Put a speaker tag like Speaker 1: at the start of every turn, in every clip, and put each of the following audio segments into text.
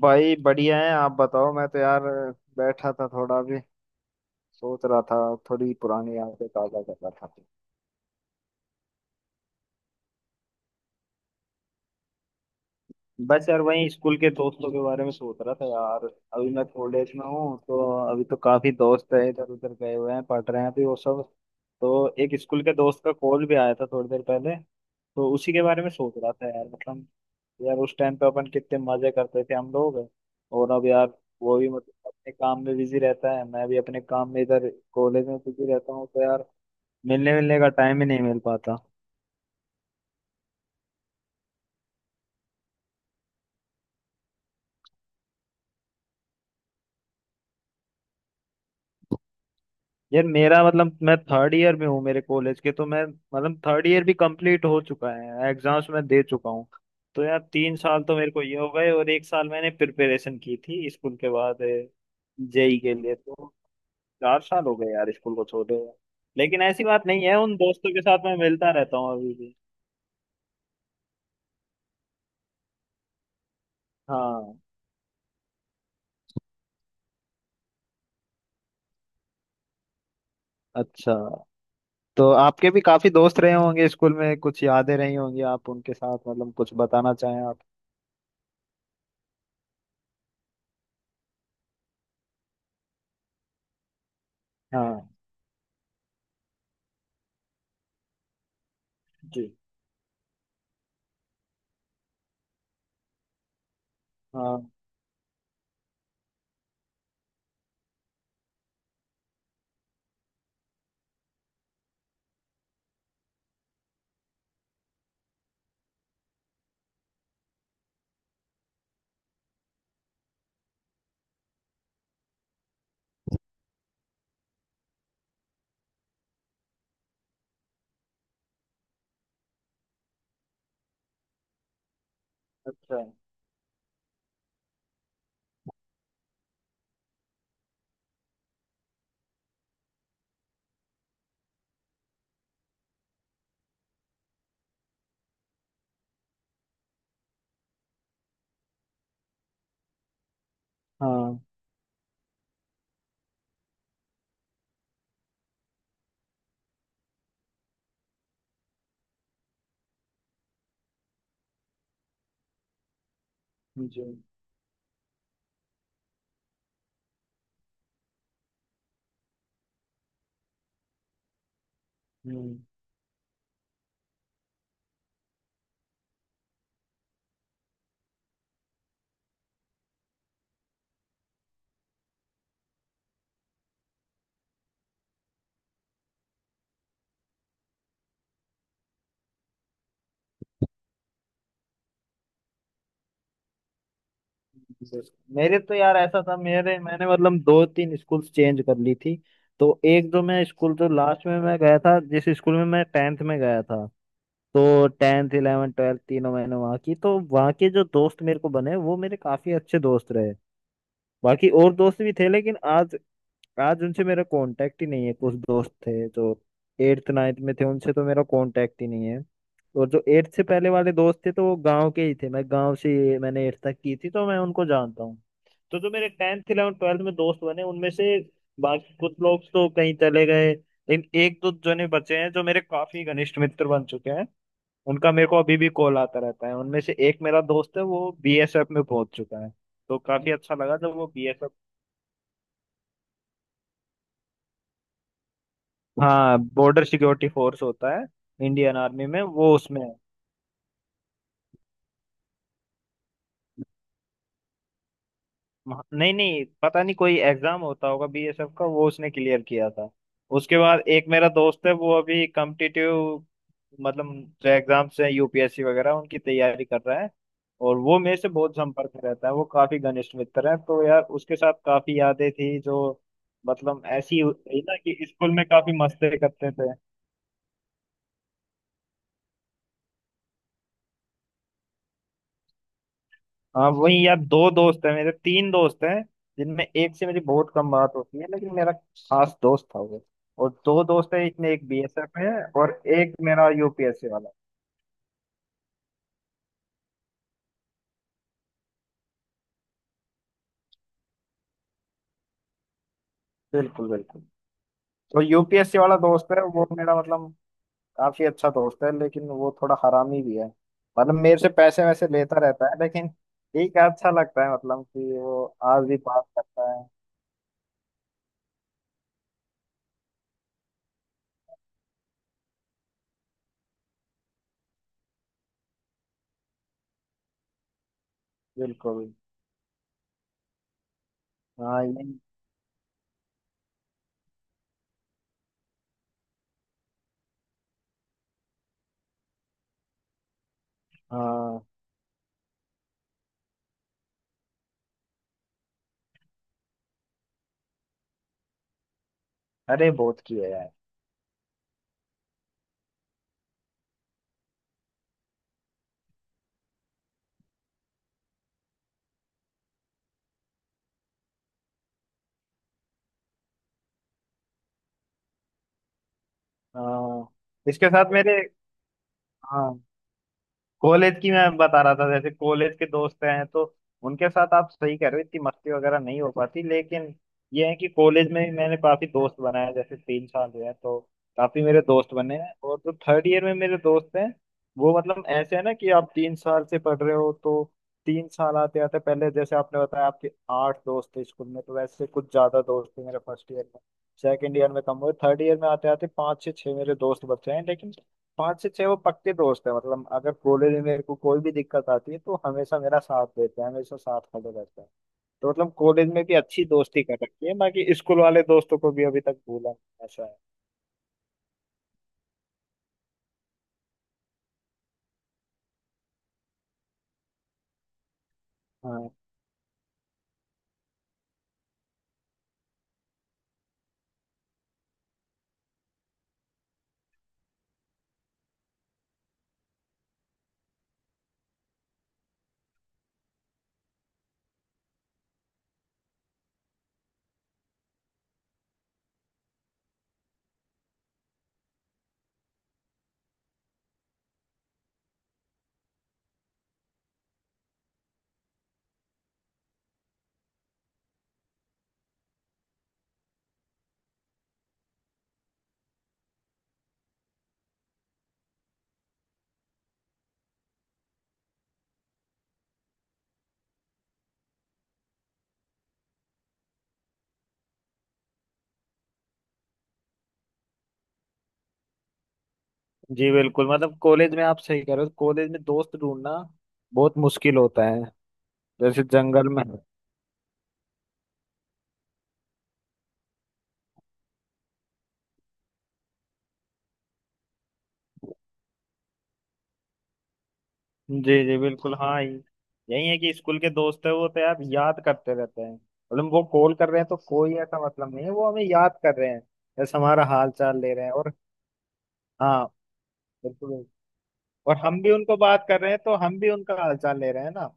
Speaker 1: भाई बढ़िया है। आप बताओ। मैं तो यार बैठा था थोड़ा भी सोच रहा था। थोड़ी पुरानी यादें ताजा कर रहा था। बस यार वही स्कूल के दोस्तों के बारे में सोच रहा था यार। अभी मैं कॉलेज में हूँ, तो अभी तो काफी दोस्त है इधर उधर गए हुए हैं, पढ़ रहे हैं अभी वो सब। तो एक स्कूल के दोस्त का कॉल भी आया था थोड़ी देर पहले, तो उसी के बारे में सोच रहा था यार, मतलब। यार उस टाइम पे अपन कितने मजे करते थे हम लोग। और अब यार वो भी मतलब अपने काम में बिजी रहता है, मैं भी अपने काम में इधर कॉलेज में बिजी रहता हूँ, तो यार मिलने मिलने का टाइम ही नहीं मिल पाता। यार मेरा मतलब मैं थर्ड ईयर में हूँ मेरे कॉलेज के, तो मैं मतलब थर्ड ईयर भी कंप्लीट हो चुका है, एग्जाम्स मैं दे चुका हूँ। तो यार 3 साल तो मेरे को ये हो गए, और एक साल मैंने प्रिपरेशन की थी स्कूल के बाद जेई के लिए। तो 4 साल हो गए यार स्कूल को छोड़े हुए। लेकिन ऐसी बात नहीं है, उन दोस्तों के साथ मैं मिलता रहता हूँ अभी भी। हाँ। अच्छा। तो आपके भी काफी दोस्त रहे होंगे स्कूल में, कुछ यादें रही होंगी आप उनके साथ, मतलब कुछ बताना चाहें आप। हाँ। जी। हाँ। अच्छा। हाँ। जी। हम्म। जी। मेरे तो यार ऐसा था, मेरे मैंने मतलब दो तीन स्कूल्स चेंज कर ली थी। तो एक जो मैं स्कूल जो लास्ट में मैं गया था, जिस स्कूल में मैं 10th में गया था, तो 10th 11 12th तीनों मैंने वहाँ की, तो वहाँ के जो दोस्त मेरे को बने वो मेरे काफी अच्छे दोस्त रहे। बाकी और दोस्त भी थे लेकिन आज आज उनसे मेरा कांटेक्ट ही नहीं है। कुछ दोस्त थे जो एट्थ नाइन्थ में थे, उनसे तो मेरा कांटेक्ट ही नहीं है। और जो एट्थ से पहले वाले दोस्त थे तो वो गांव के ही थे, मैं गांव से मैंने एट्थ तक की थी तो मैं उनको जानता हूँ। तो जो मेरे 10th 11 12th में दोस्त बने उनमें से बाकी कुछ लोग तो कहीं चले गए, लेकिन एक दो जने बचे हैं जो मेरे काफी घनिष्ठ मित्र बन चुके हैं। उनका मेरे को अभी भी कॉल आता रहता है। उनमें से एक मेरा दोस्त है, वो बीएसएफ में पहुंच चुका है। तो काफी अच्छा लगा जब वो। हाँ, बॉर्डर सिक्योरिटी फोर्स होता है। इंडियन आर्मी में वो उसमें है। नहीं नहीं, पता नहीं कोई एग्जाम होता होगा बीएसएफ का, वो उसने क्लियर किया था। उसके बाद एक मेरा दोस्त है वो अभी कॉम्पिटिटिव, मतलब जो एग्जाम्स हैं यूपीएससी वगैरह उनकी तैयारी कर रहा है। और वो मेरे से बहुत संपर्क में रहता है, वो काफी घनिष्ठ मित्र है। तो यार उसके साथ काफी यादें थी जो मतलब ऐसी हुई ना, कि स्कूल में काफी मस्ती करते थे। हाँ वही यार, दो दोस्त है मेरे, तीन दोस्त हैं जिनमें एक से मेरी बहुत कम बात होती है लेकिन मेरा खास दोस्त था वो। और दो दोस्त है, इसमें एक बीएसएफ है और एक मेरा यूपीएससी वाला। बिल्कुल बिल्कुल। तो यूपीएससी वाला दोस्त है वो मेरा, मतलब काफी अच्छा दोस्त है लेकिन वो थोड़ा हरामी भी है। मतलब मेरे से पैसे वैसे लेता रहता है लेकिन ठीक है, अच्छा लगता है, मतलब कि वो आज भी बात करता है। बिल्कुल। हाँ। ये हाँ। अरे बहुत किया यार। हाँ। इसके साथ मेरे। हाँ। कॉलेज की मैं बता रहा था, जैसे कॉलेज के दोस्त हैं तो उनके साथ आप सही कह रहे हो, इतनी मस्ती वगैरह नहीं हो पाती, लेकिन ये है कि कॉलेज में भी मैंने काफी दोस्त बनाए हैं, जैसे 3 साल हुए हैं तो काफी मेरे दोस्त बने हैं। और जो थर्ड ईयर में मेरे दोस्त हैं वो मतलब ऐसे है ना, कि आप 3 साल से पढ़ रहे हो तो 3 साल आते आते पहले जैसे आपने बताया आपके आठ दोस्त थे स्कूल में, तो वैसे कुछ ज्यादा दोस्त थे मेरे फर्स्ट ईयर में, सेकेंड ईयर में कम हुए, थर्ड ईयर में आते आते पाँच से छह मेरे दोस्त बचे हैं। लेकिन पांच से छह वो पक्के दोस्त है, मतलब अगर कॉलेज में मेरे को कोई भी दिक्कत आती है तो हमेशा मेरा साथ देते हैं, हमेशा साथ खड़े रहते हैं। तो मतलब कॉलेज में भी अच्छी दोस्ती कर रखी है, बाकी स्कूल वाले दोस्तों को भी अभी तक भूला नहीं, ऐसा है। हाँ जी बिल्कुल, मतलब कॉलेज में आप सही कह रहे हो, कॉलेज में दोस्त ढूंढना बहुत मुश्किल होता है, जैसे जंगल में। जी जी बिल्कुल। हाँ, यही है कि स्कूल के दोस्त है वो तो यार याद करते रहते हैं, मतलब वो कॉल कर रहे हैं तो कोई ऐसा मतलब नहीं है, वो हमें याद कर रहे हैं, जैसे हमारा हाल चाल ले रहे हैं। और हाँ बिल्कुल, और हम भी उनको बात कर रहे हैं तो हम भी उनका हालचाल ले रहे हैं ना।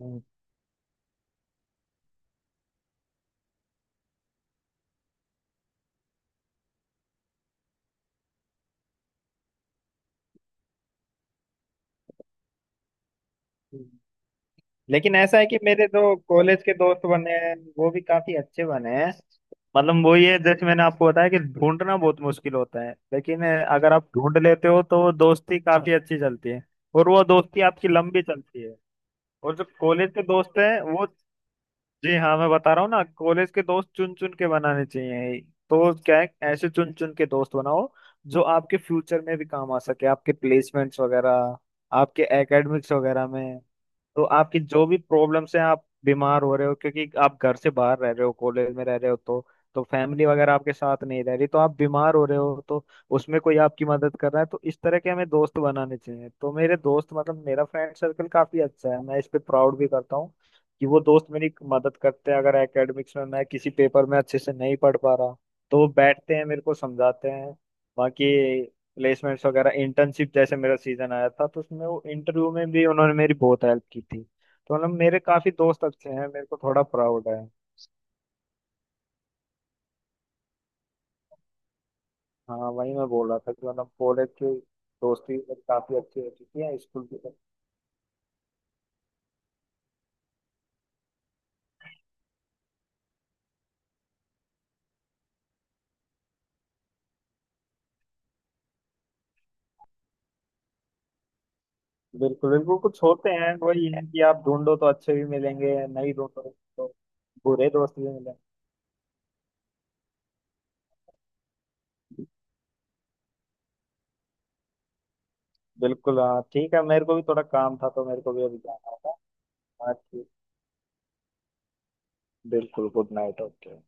Speaker 1: हम्म, लेकिन ऐसा है कि मेरे जो कॉलेज के दोस्त बने हैं वो भी काफी अच्छे बने हैं। मतलब वो ये जैसे मैंने आपको बताया कि ढूंढना बहुत मुश्किल होता है, लेकिन अगर आप ढूंढ लेते हो तो वो दोस्ती काफी अच्छी चलती है। और वो दोस्ती आपकी लंबी चलती है। और जो कॉलेज के दोस्त हैं वो। जी हाँ मैं बता रहा हूँ ना, कॉलेज के दोस्त चुन चुन के बनाने चाहिए, तो क्या है ऐसे चुन चुन के दोस्त बनाओ जो आपके फ्यूचर में भी काम आ सके, आपके प्लेसमेंट्स वगैरह, आपके एकेडमिक्स वगैरह में। तो आपकी जो भी प्रॉब्लम्स हैं, आप बीमार हो रहे हो क्योंकि आप घर से बाहर रह रहे हो, कॉलेज में रह रहे हो, तो फैमिली वगैरह आपके साथ नहीं रह रही, तो आप बीमार हो रहे हो, तो उसमें कोई आपकी मदद कर रहा है, तो इस तरह के हमें दोस्त बनाने चाहिए। तो मेरे दोस्त मतलब मेरा फ्रेंड सर्कल काफी अच्छा है, मैं इस पे प्राउड भी करता हूँ कि वो दोस्त मेरी मदद करते हैं। अगर एकेडमिक्स में मैं किसी पेपर में अच्छे से नहीं पढ़ पा रहा तो वो बैठते हैं मेरे को समझाते हैं। बाकी प्लेसमेंट्स वगैरह, इंटर्नशिप जैसे मेरा सीजन आया था तो उसमें वो इंटरव्यू में भी उन्होंने मेरी बहुत हेल्प की थी। तो मतलब मेरे काफी दोस्त अच्छे हैं, मेरे को थोड़ा प्राउड है। हाँ वही मैं बोल रहा था कि मतलब कॉलेज की दोस्ती मतलब काफी अच्छी हो चुकी है, स्कूल की तो। बिल्कुल बिल्कुल, कुछ होते हैं, वही है कि आप ढूंढो तो अच्छे भी मिलेंगे, नहीं ढूंढो तो बुरे दोस्त भी मिलेंगे। बिल्कुल। हाँ ठीक है, मेरे को भी थोड़ा काम था तो मेरे को भी अभी जाना होगा। हाँ ठीक। बिल्कुल, गुड नाइट। ओके।